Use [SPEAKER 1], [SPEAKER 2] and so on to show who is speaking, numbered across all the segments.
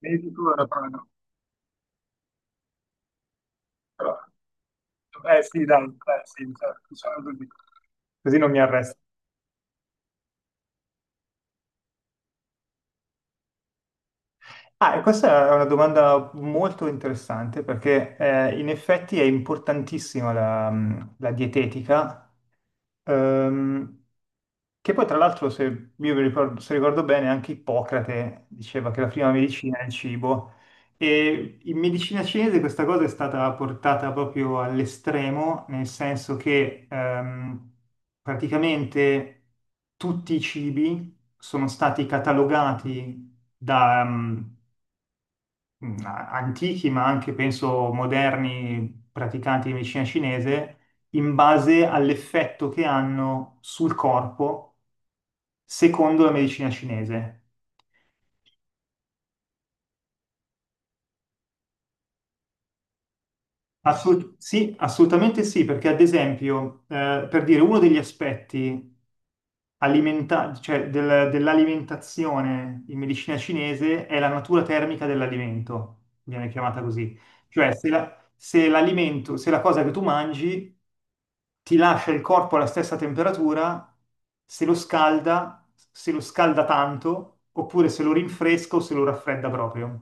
[SPEAKER 1] Sei sicuro? Però no. Però- Eh sì, dai, sì, cioè, diciamo così. Così non mi arresto. Ah, e questa è una domanda molto interessante perché in effetti è importantissima la dietetica, ehm, che poi tra l'altro, se ricordo bene, anche Ippocrate diceva che la prima medicina è il cibo e in medicina cinese questa cosa è stata portata proprio all'estremo, nel senso che praticamente tutti i cibi sono stati catalogati da antichi, ma anche penso moderni praticanti di medicina cinese, in base all'effetto che hanno sul corpo secondo la medicina cinese. Ah, sì? Sì, assolutamente sì, perché ad esempio, per dire uno degli aspetti cioè dell'alimentazione in medicina cinese è la natura termica dell'alimento, viene chiamata così. Cioè, se la cosa che tu mangi ti lascia il corpo alla stessa temperatura, se lo scalda, se lo scalda tanto, oppure se lo rinfresca o se lo raffredda proprio.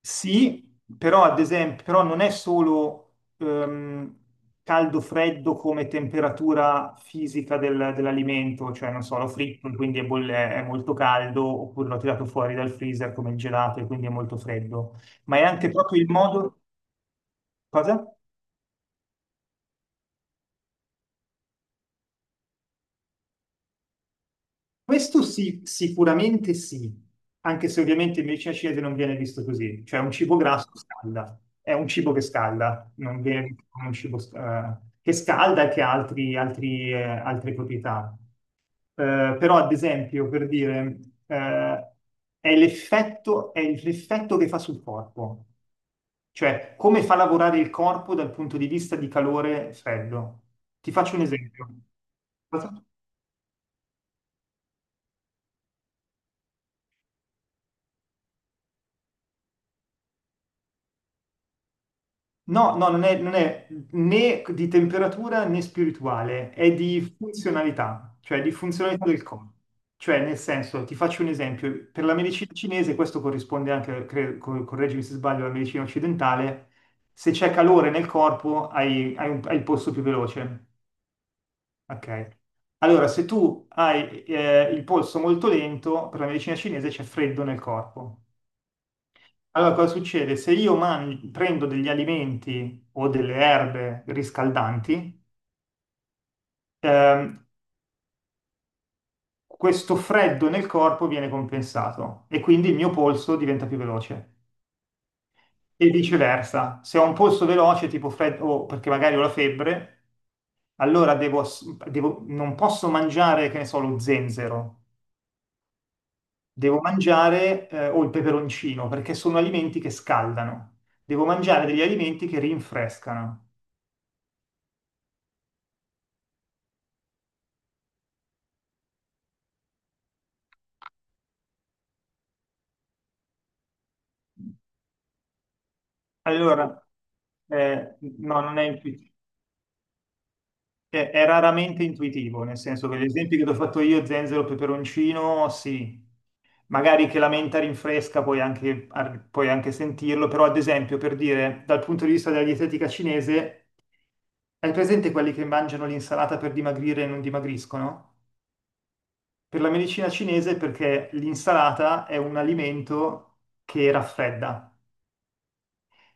[SPEAKER 1] Sì, però ad esempio, però non è solo caldo-freddo come temperatura fisica dell'alimento, cioè non so, l'ho fritto, quindi è molto caldo, oppure l'ho tirato fuori dal freezer come il gelato e quindi è molto freddo, ma è anche proprio il modo. Cosa? Questo sì, sicuramente sì, anche se ovviamente in medicina cinese non viene visto così, cioè un cibo grasso scalda, è un cibo che scalda, non viene visto come un cibo che scalda e che ha altre proprietà. Però ad esempio, per dire, eh, è l'effetto che fa sul corpo, cioè come fa lavorare il corpo dal punto di vista di calore e freddo. Ti faccio un esempio. No, no, non è né di temperatura né spirituale, è di funzionalità, cioè di funzionalità del corpo. Cioè, nel senso, ti faccio un esempio, per la medicina cinese, questo corrisponde anche, correggimi se sbaglio, alla medicina occidentale, se c'è calore nel corpo hai il polso più veloce, ok? Allora, se tu hai il polso molto lento, per la medicina cinese c'è freddo nel corpo. Allora, cosa succede? Se io prendo degli alimenti o delle erbe riscaldanti, ehm, questo freddo nel corpo viene compensato e quindi il mio polso diventa più veloce. E viceversa, se ho un polso veloce, tipo freddo, o perché magari ho la febbre, allora non posso mangiare, che ne so, lo zenzero, devo mangiare, o il peperoncino, perché sono alimenti che scaldano. Devo mangiare degli alimenti che rinfrescano. Allora, no, non è intuitivo, è raramente intuitivo, nel senso che gli esempi che ti ho fatto io, zenzero, peperoncino, sì, magari che la menta rinfresca puoi anche sentirlo, però ad esempio, per dire, dal punto di vista della dietetica cinese, hai presente quelli che mangiano l'insalata per dimagrire e non dimagriscono? Per la medicina cinese perché l'insalata è un alimento che raffredda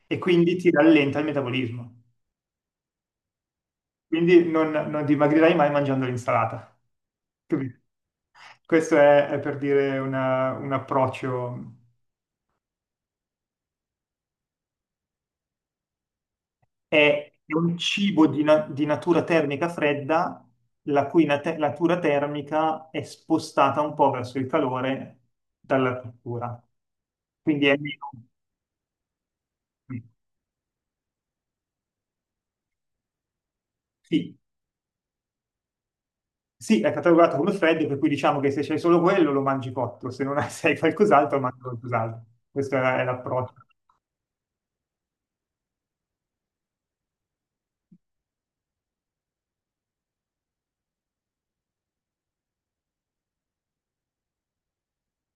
[SPEAKER 1] e quindi ti rallenta il metabolismo. Quindi non dimagrirai mai mangiando l'insalata. Capito? Questo è per dire un approccio. È un cibo di natura termica fredda, la cui natura termica è spostata un po' verso il calore dalla cottura. Quindi è meno. Sì, sì, è catalogato come freddo, per cui diciamo che se c'hai solo quello lo mangi cotto, se non hai, se hai qualcos'altro mangi qualcos'altro. Questo è l'approccio.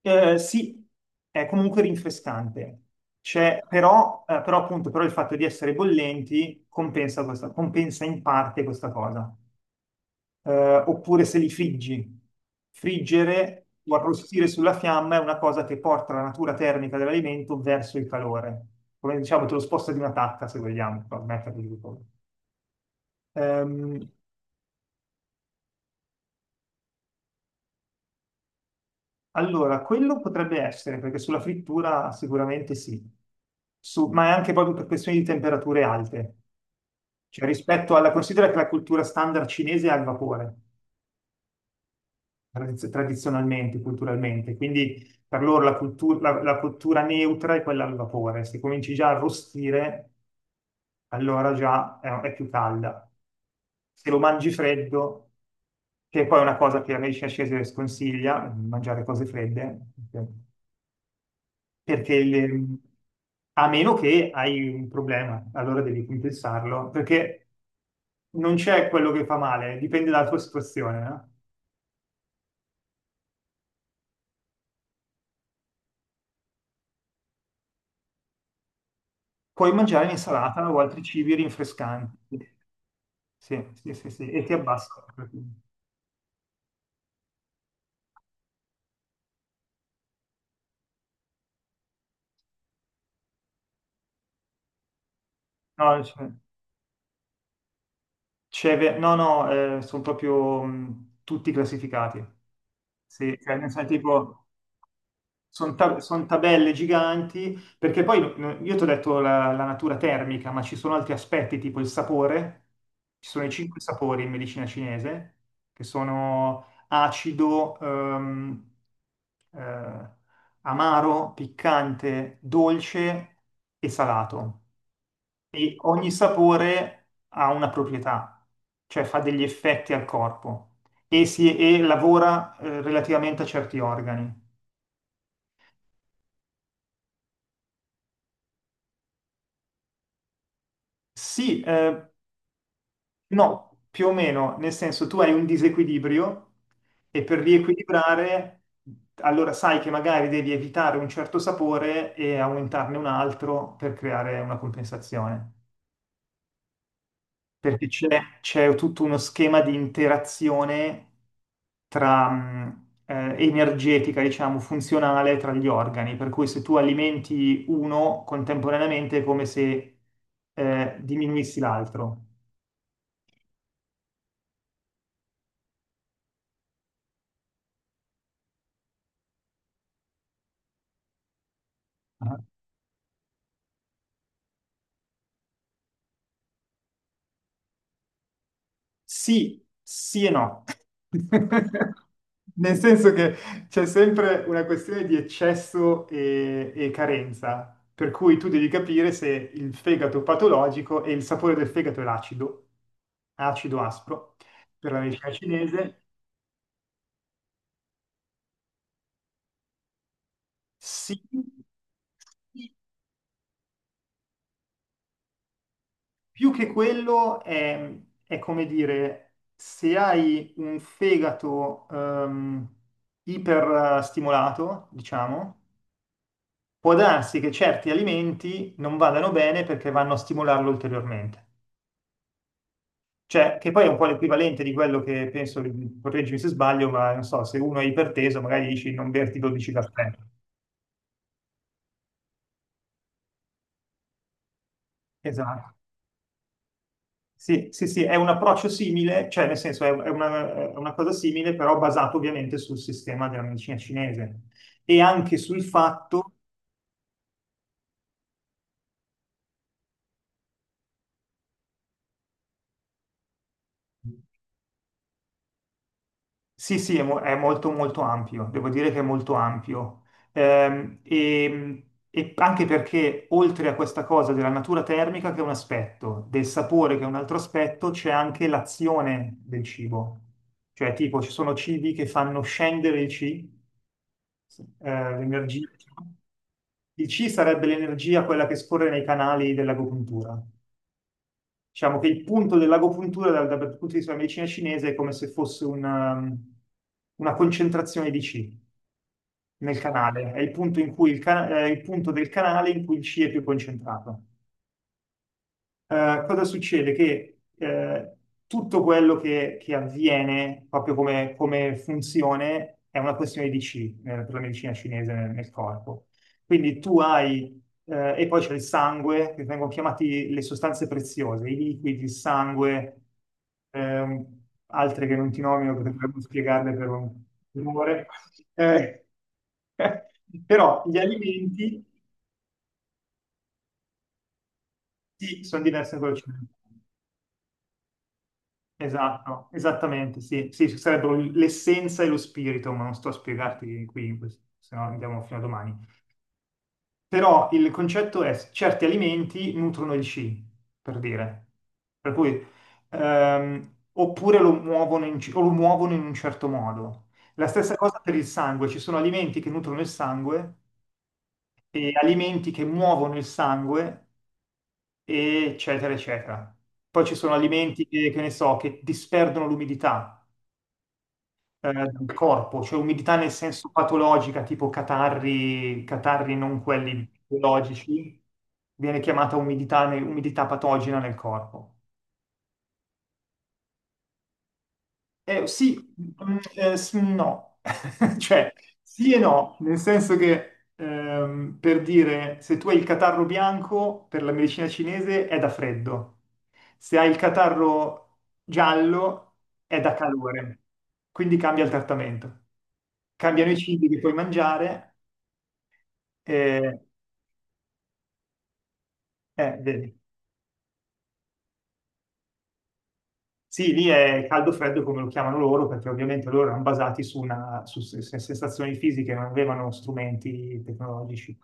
[SPEAKER 1] Sì, è comunque rinfrescante. Però il fatto di essere bollenti compensa, compensa in parte questa cosa. Oppure se li friggi, friggere o arrostire sulla fiamma è una cosa che porta la natura termica dell'alimento verso il calore, come diciamo te lo sposta di una tacca se vogliamo, per metterli di colpo. Ehm, allora, quello potrebbe essere, perché sulla frittura sicuramente sì. Ma è anche proprio per questioni di temperature alte. Cioè, considera che la cultura standard cinese è al vapore, tradizionalmente, culturalmente, quindi per loro la cultura neutra è quella al vapore. Se cominci già a arrostire, allora già è più calda. Se lo mangi freddo, che poi è una cosa che la medicina cinese sconsiglia, mangiare cose fredde, perché a meno che hai un problema, allora devi compensarlo, perché non c'è quello che fa male, dipende dalla tua situazione, no? Puoi mangiare l'insalata o altri cibi rinfrescanti. Sì, sì, sì, sì, e ti abbassano. No, no, no, sono proprio tutti classificati. Sì, cioè, nel senso, tipo, Sono ta- son tabelle giganti, perché poi no, io ti ho detto la natura termica, ma ci sono altri aspetti, tipo il sapore. Ci sono i cinque sapori in medicina cinese, che sono acido, eh, amaro, piccante, dolce e salato. E ogni sapore ha una proprietà, cioè fa degli effetti al corpo e lavora relativamente a certi organi. Sì, no, più o meno, nel senso tu hai un disequilibrio e per riequilibrare, allora sai che magari devi evitare un certo sapore e aumentarne un altro per creare una compensazione, perché c'è tutto uno schema di interazione tra, energetica, diciamo, funzionale tra gli organi, per cui se tu alimenti uno contemporaneamente è come se diminuissi l'altro. Ah. Sì, sì e no. Nel senso che c'è sempre una questione di eccesso e carenza, per cui tu devi capire se il fegato patologico e il sapore del fegato è l'acido, acido aspro, per la medicina cinese, sì, più che quello è come dire, se hai un fegato iperstimolato, diciamo, può darsi che certi alimenti non vadano bene perché vanno a stimolarlo ulteriormente. Cioè, che poi è un po' l'equivalente di quello che penso, correggimi se sbaglio, ma non so, se uno è iperteso, magari dici non berti 12 caffè. Esatto. Sì, sì, sì, è un approccio simile, cioè nel senso è una cosa simile, però basato ovviamente sul sistema della medicina cinese e anche sul fatto. Sì, sì, è molto molto ampio, devo dire che è molto ampio. E anche perché oltre a questa cosa della natura termica, che è un aspetto, del sapore, che è un altro aspetto, c'è anche l'azione del cibo. Cioè, tipo, ci sono cibi che fanno scendere il C, l'energia, diciamo. Il C sarebbe l'energia, quella che scorre nei canali dell'agopuntura. Diciamo che il punto dell'agopuntura dal punto di vista della medicina cinese è come se fosse una concentrazione di Qi nel canale, è il punto in cui è il punto del canale in cui il Qi è più concentrato. Cosa succede? Che tutto quello che avviene proprio come funzione è una questione di Qi, per la medicina cinese nel corpo. Quindi tu hai, e poi c'è il sangue, che vengono chiamati le sostanze preziose, i liquidi, il sangue, altre che non ti nomino perché dovremmo spiegarle per un'ora. Eh, Però gli alimenti sì, sono diversi da quello che ci sono. Esatto, esattamente, sì, sì, ci sarebbero l'essenza e lo spirito, ma non sto a spiegarti qui, se no andiamo fino a domani. Però il concetto è certi alimenti nutrono il C, per dire, per cui oppure lo muovono in un certo modo. La stessa cosa per il sangue, ci sono alimenti che nutrono il sangue e alimenti che muovono il sangue, eccetera, eccetera. Poi ci sono alimenti che ne so, che disperdono l'umidità del corpo, cioè umidità nel senso patologica, tipo catarri, catarri non quelli biologici, viene chiamata umidità, umidità patogena nel corpo. Sì, no, cioè sì e no, nel senso che per dire se tu hai il catarro bianco per la medicina cinese è da freddo, se hai il catarro giallo è da calore, quindi cambia il trattamento, cambiano i cibi che puoi mangiare, eh, vedi. Sì, lì è caldo freddo come lo chiamano loro, perché ovviamente loro erano basati su sensazioni fisiche, non avevano strumenti tecnologici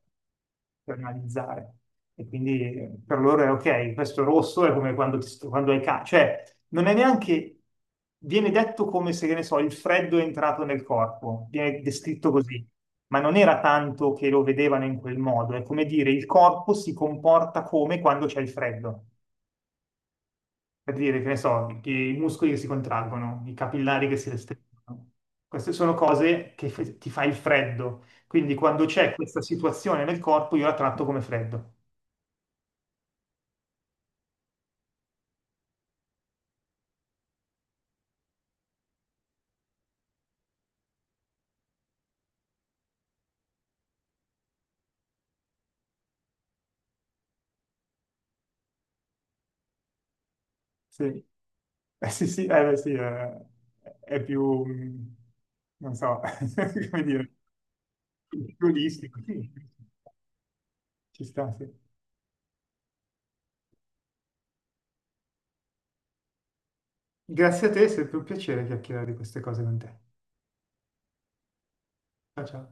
[SPEAKER 1] per analizzare. E quindi per loro è ok, questo rosso è come quando hai caldo, cioè non è neanche, viene detto come se, che ne so, il freddo è entrato nel corpo, viene descritto così, ma non era tanto che lo vedevano in quel modo, è come dire il corpo si comporta come quando c'è il freddo per dire, che ne so, che i muscoli che si contraggono, i capillari che si restringono. Queste sono cose che ti fa il freddo. Quindi quando c'è questa situazione nel corpo, io la tratto come freddo. Sì. Sì, sì, beh, sì, è più, non so, come dire, piccolistico. Sì, sì, sì, ci sta, sì. Grazie a te, è sempre un piacere chiacchierare di queste cose con te. Ciao, ciao.